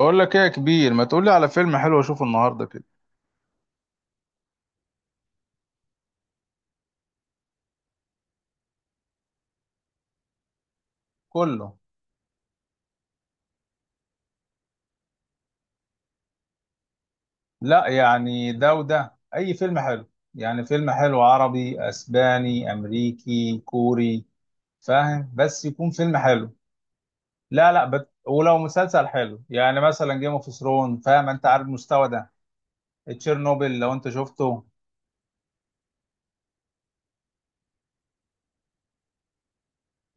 بقول لك ايه يا كبير؟ ما تقول لي على فيلم حلو اشوفه النهارده كده. كله. لا يعني ده وده، اي فيلم حلو. يعني فيلم حلو عربي، اسباني، امريكي، كوري، فاهم؟ بس يكون فيلم حلو. لا لا ولو مسلسل حلو، يعني مثلا جيم اوف ثرون، فاهم انت عارف المستوى ده؟ تشيرنوبل لو انت شفته.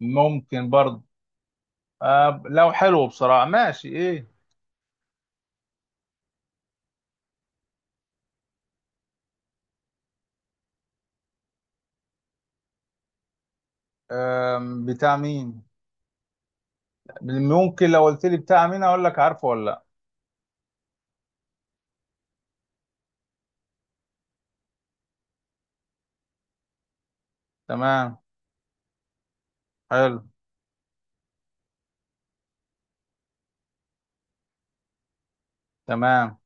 ممكن برضه. آه لو حلو بصراحة، ماشي، ايه؟ آه. بتاع مين؟ ممكن، لو قلت لي بتاع مين اقول لك عارفه ولا لا. تمام. حلو. تمام.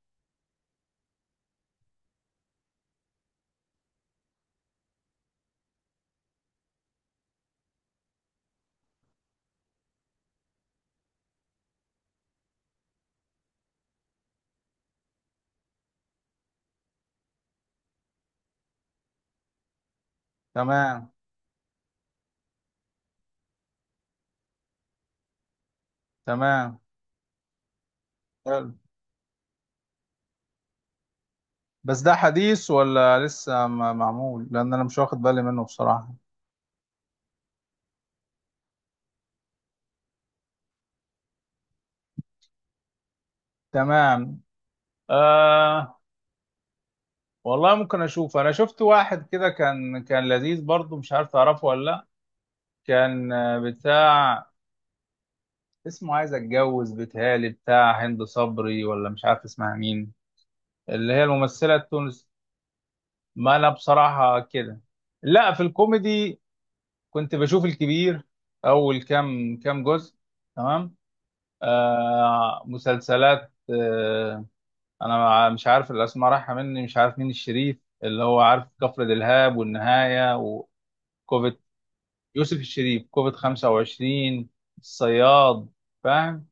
تمام. تمام. حلو. بس ده حديث ولا لسه معمول؟ لان انا مش واخد بالي منه بصراحة. تمام. آه والله ممكن اشوف. انا شفت واحد كده كان لذيذ برضه، مش عارف تعرفه ولا لا. كان آه، بتاع. اسمه عايز اتجوز، بيتهيألي بتاع هند صبري ولا مش عارف اسمها مين، اللي هي الممثلة التونس. ما انا بصراحة كده. لا، في الكوميدي كنت بشوف الكبير، اول كام جزء. تمام. آه مسلسلات آه. انا مش عارف الاسماء رايحه مني، مش عارف مين الشريف اللي هو عارف كفر دلهاب والنهايه وكوفيد. يوسف الشريف كوفيد 25، الصياد، فاهم؟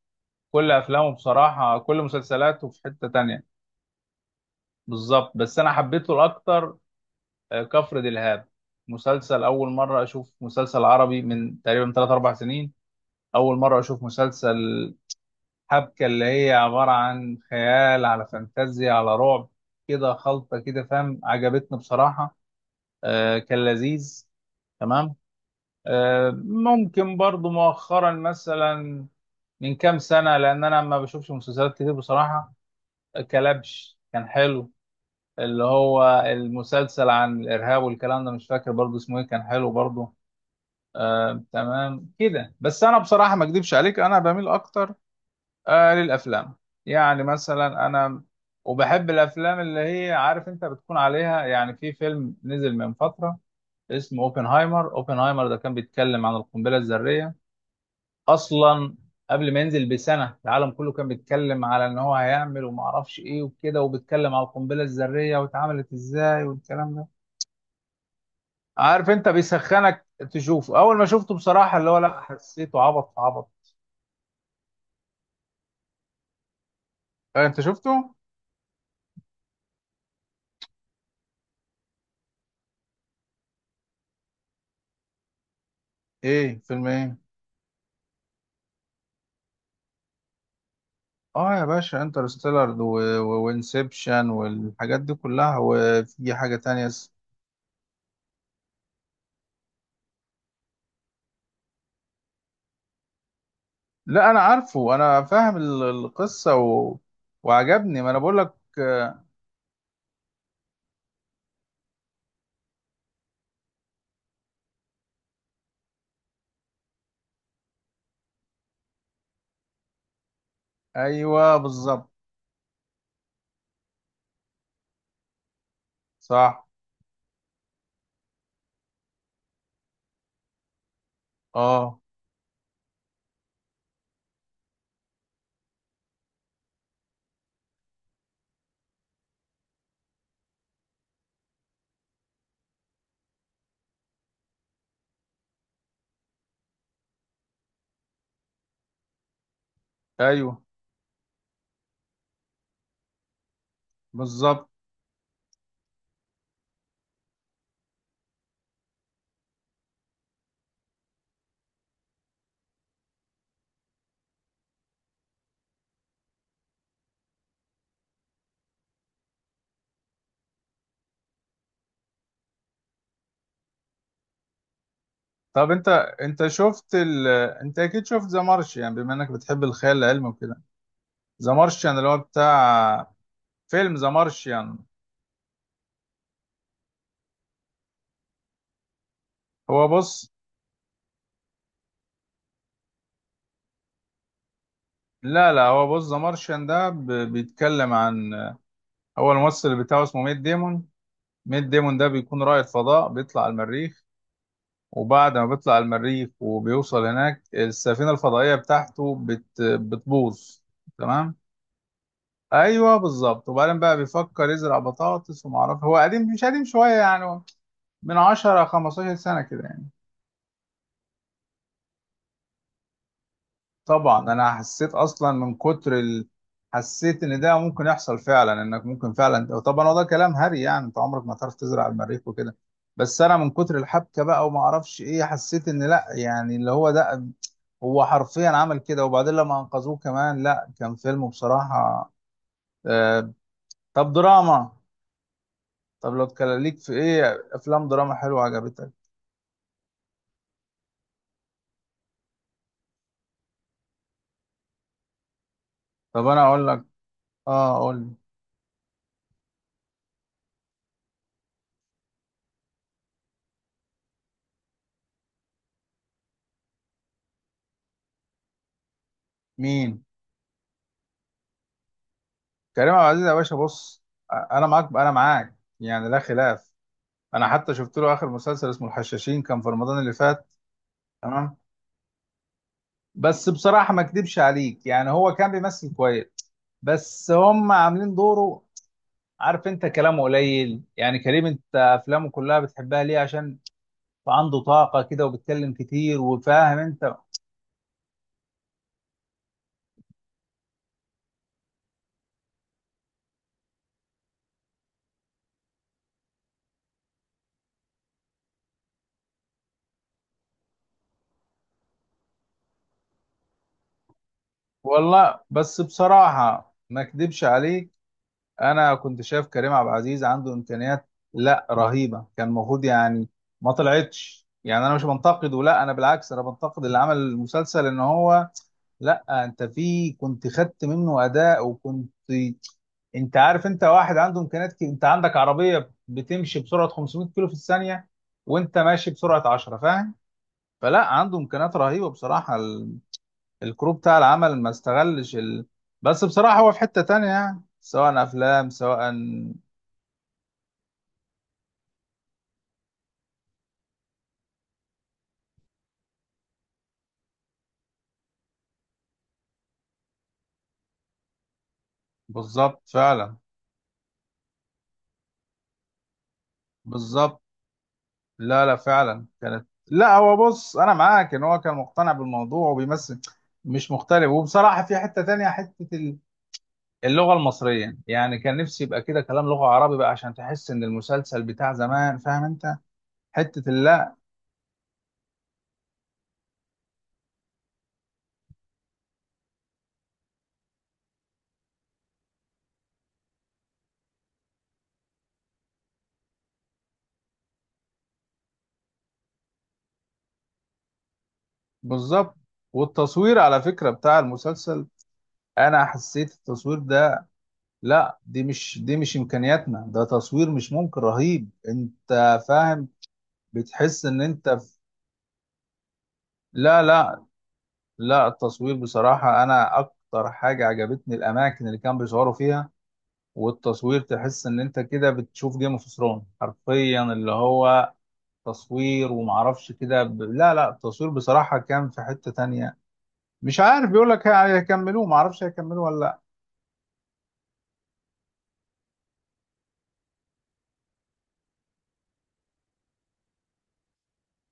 كل افلامه بصراحه، كل مسلسلاته في حته تانية. بالظبط، بس انا حبيته الاكتر آه، كفر دلهاب مسلسل. اول مره اشوف مسلسل عربي من تقريبا 3 4 سنين. اول مره اشوف مسلسل حبكة اللي هي عبارة عن خيال على فانتازيا على رعب، كده خلطة كده فاهم، عجبتني بصراحة. آه كان لذيذ. تمام. آه ممكن برضو مؤخرا مثلا، من كام سنة، لأن أنا ما بشوفش مسلسلات كتير بصراحة. كلبش كان حلو، اللي هو المسلسل عن الإرهاب والكلام ده. مش فاكر برضو اسمه إيه، كان حلو برضو. آه تمام كده. بس أنا بصراحة ما أكدبش عليك، أنا بميل أكتر آه للأفلام. يعني مثلا أنا وبحب الأفلام اللي هي عارف أنت بتكون عليها. يعني في فيلم نزل من فترة اسمه أوبنهايمر. أوبنهايمر ده كان بيتكلم عن القنبلة الذرية أصلا. قبل ما ينزل بسنة العالم كله كان بيتكلم على إن هو هيعمل وما أعرفش إيه وكده، وبيتكلم على القنبلة الذرية واتعملت إزاي والكلام ده. عارف أنت بيسخنك تشوفه. أول ما شفته بصراحة اللي هو لا، حسيته عبط في عبط. آه، أنت شفته؟ إيه فيلم إيه؟ اه يا باشا انترستيلر وانسبشن والحاجات دي كلها، وفي حاجة تانية لا انا عارفه، انا فاهم القصة وعجبني، ما انا بقول لك. ايوه بالظبط. صح. اه. ايوه بالظبط. طب انت، انت شفت ال... انت اكيد شفت ذا مارشيان بما انك بتحب الخيال العلمي وكده؟ ذا مارشيان اللي هو بتاع، فيلم ذا مارشيان. هو بص لا لا، هو بص، ذا مارشيان ده بيتكلم عن، هو الممثل بتاعه اسمه ميت ديمون. ميت ديمون ده بيكون رائد فضاء بيطلع المريخ. وبعد ما بيطلع المريخ وبيوصل هناك السفينة الفضائية بتاعته بتبوظ. تمام. ايوه بالظبط، وبعدين بقى بيفكر يزرع بطاطس. وما اعرف، هو قديم مش قديم، شوية يعني، من 10 15 سنة كده يعني. طبعا انا حسيت اصلا من كتر حسيت ان ده ممكن يحصل فعلا، انك ممكن فعلا. طبعا هو ده كلام هري، يعني انت عمرك ما تعرف تزرع المريخ وكده، بس انا من كتر الحبكه بقى وما اعرفش ايه حسيت ان لا، يعني اللي هو ده هو حرفيا عمل كده. وبعدين لما انقذوه كمان، لا كان فيلم بصراحه. آه... طب دراما، طب لو اتكلم ليك في ايه، افلام دراما حلوه عجبتك؟ طب انا اقول لك. اه اقول. مين؟ كريم عبد العزيز يا باشا بص. انا معاك انا معاك، يعني لا خلاف. انا حتى شفت له اخر مسلسل اسمه الحشاشين كان في رمضان اللي فات. تمام. بس بصراحه ما اكدبش عليك، يعني هو كان بيمثل كويس بس هم عاملين دوره. عارف انت كلامه قليل يعني. كريم انت افلامه كلها بتحبها ليه؟ عشان عنده طاقه كده وبيتكلم كتير وفاهم انت. والله بس بصراحه ما اكدبش عليك، انا كنت شايف كريم عبد العزيز عنده امكانيات لا رهيبه، كان المفروض يعني. ما طلعتش، يعني انا مش بنتقده، لا انا بالعكس انا بنتقد اللي عمل المسلسل ان هو. لا انت في كنت خدت منه اداء وكنت. انت عارف انت واحد عنده امكانيات، انت عندك عربيه بتمشي بسرعه 500 كيلو في الثانيه وانت ماشي بسرعه 10، فاهم؟ فلا عنده امكانيات رهيبه بصراحه الكروب بتاع العمل ما استغلش بس بصراحه هو في حته تانيه، يعني سواء افلام سواء. بالظبط فعلا. بالظبط. لا لا فعلا كانت، لا هو بص انا معاك ان هو كان مقتنع بالموضوع وبيمثل، مش مختلف. وبصراحه في حته تانية، حته اللغه المصريه، يعني كان نفسي يبقى كده كلام لغه عربي بقى عشان تحس ان المسلسل بتاع زمان، فاهم انت؟ حته اللأ. بالظبط. والتصوير على فكره بتاع المسلسل، انا حسيت التصوير ده، لا دي مش، دي مش امكانياتنا، ده تصوير مش ممكن، رهيب انت فاهم؟ بتحس ان انت في... لا لا، لا التصوير بصراحة أنا أكتر حاجة عجبتني الأماكن اللي كانوا بيصوروا فيها. والتصوير تحس إن أنت كده بتشوف جيم اوف ثرونز حرفيا، اللي هو تصوير ومعرفش كده لا لا، التصوير بصراحة كان في حتة تانية. مش عارف بيقول لك هيكملوه، معرفش هيكملوه ولا لأ.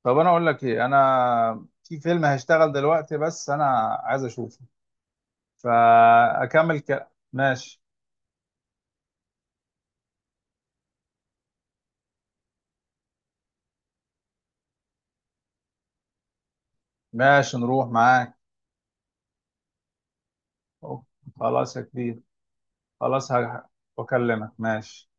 طب أنا أقول لك إيه، أنا في فيلم هيشتغل دلوقتي بس أنا عايز أشوفه ماشي. ماشي نروح معاك. أوه. خلاص يا كبير. خلاص هكلمك، ماشي.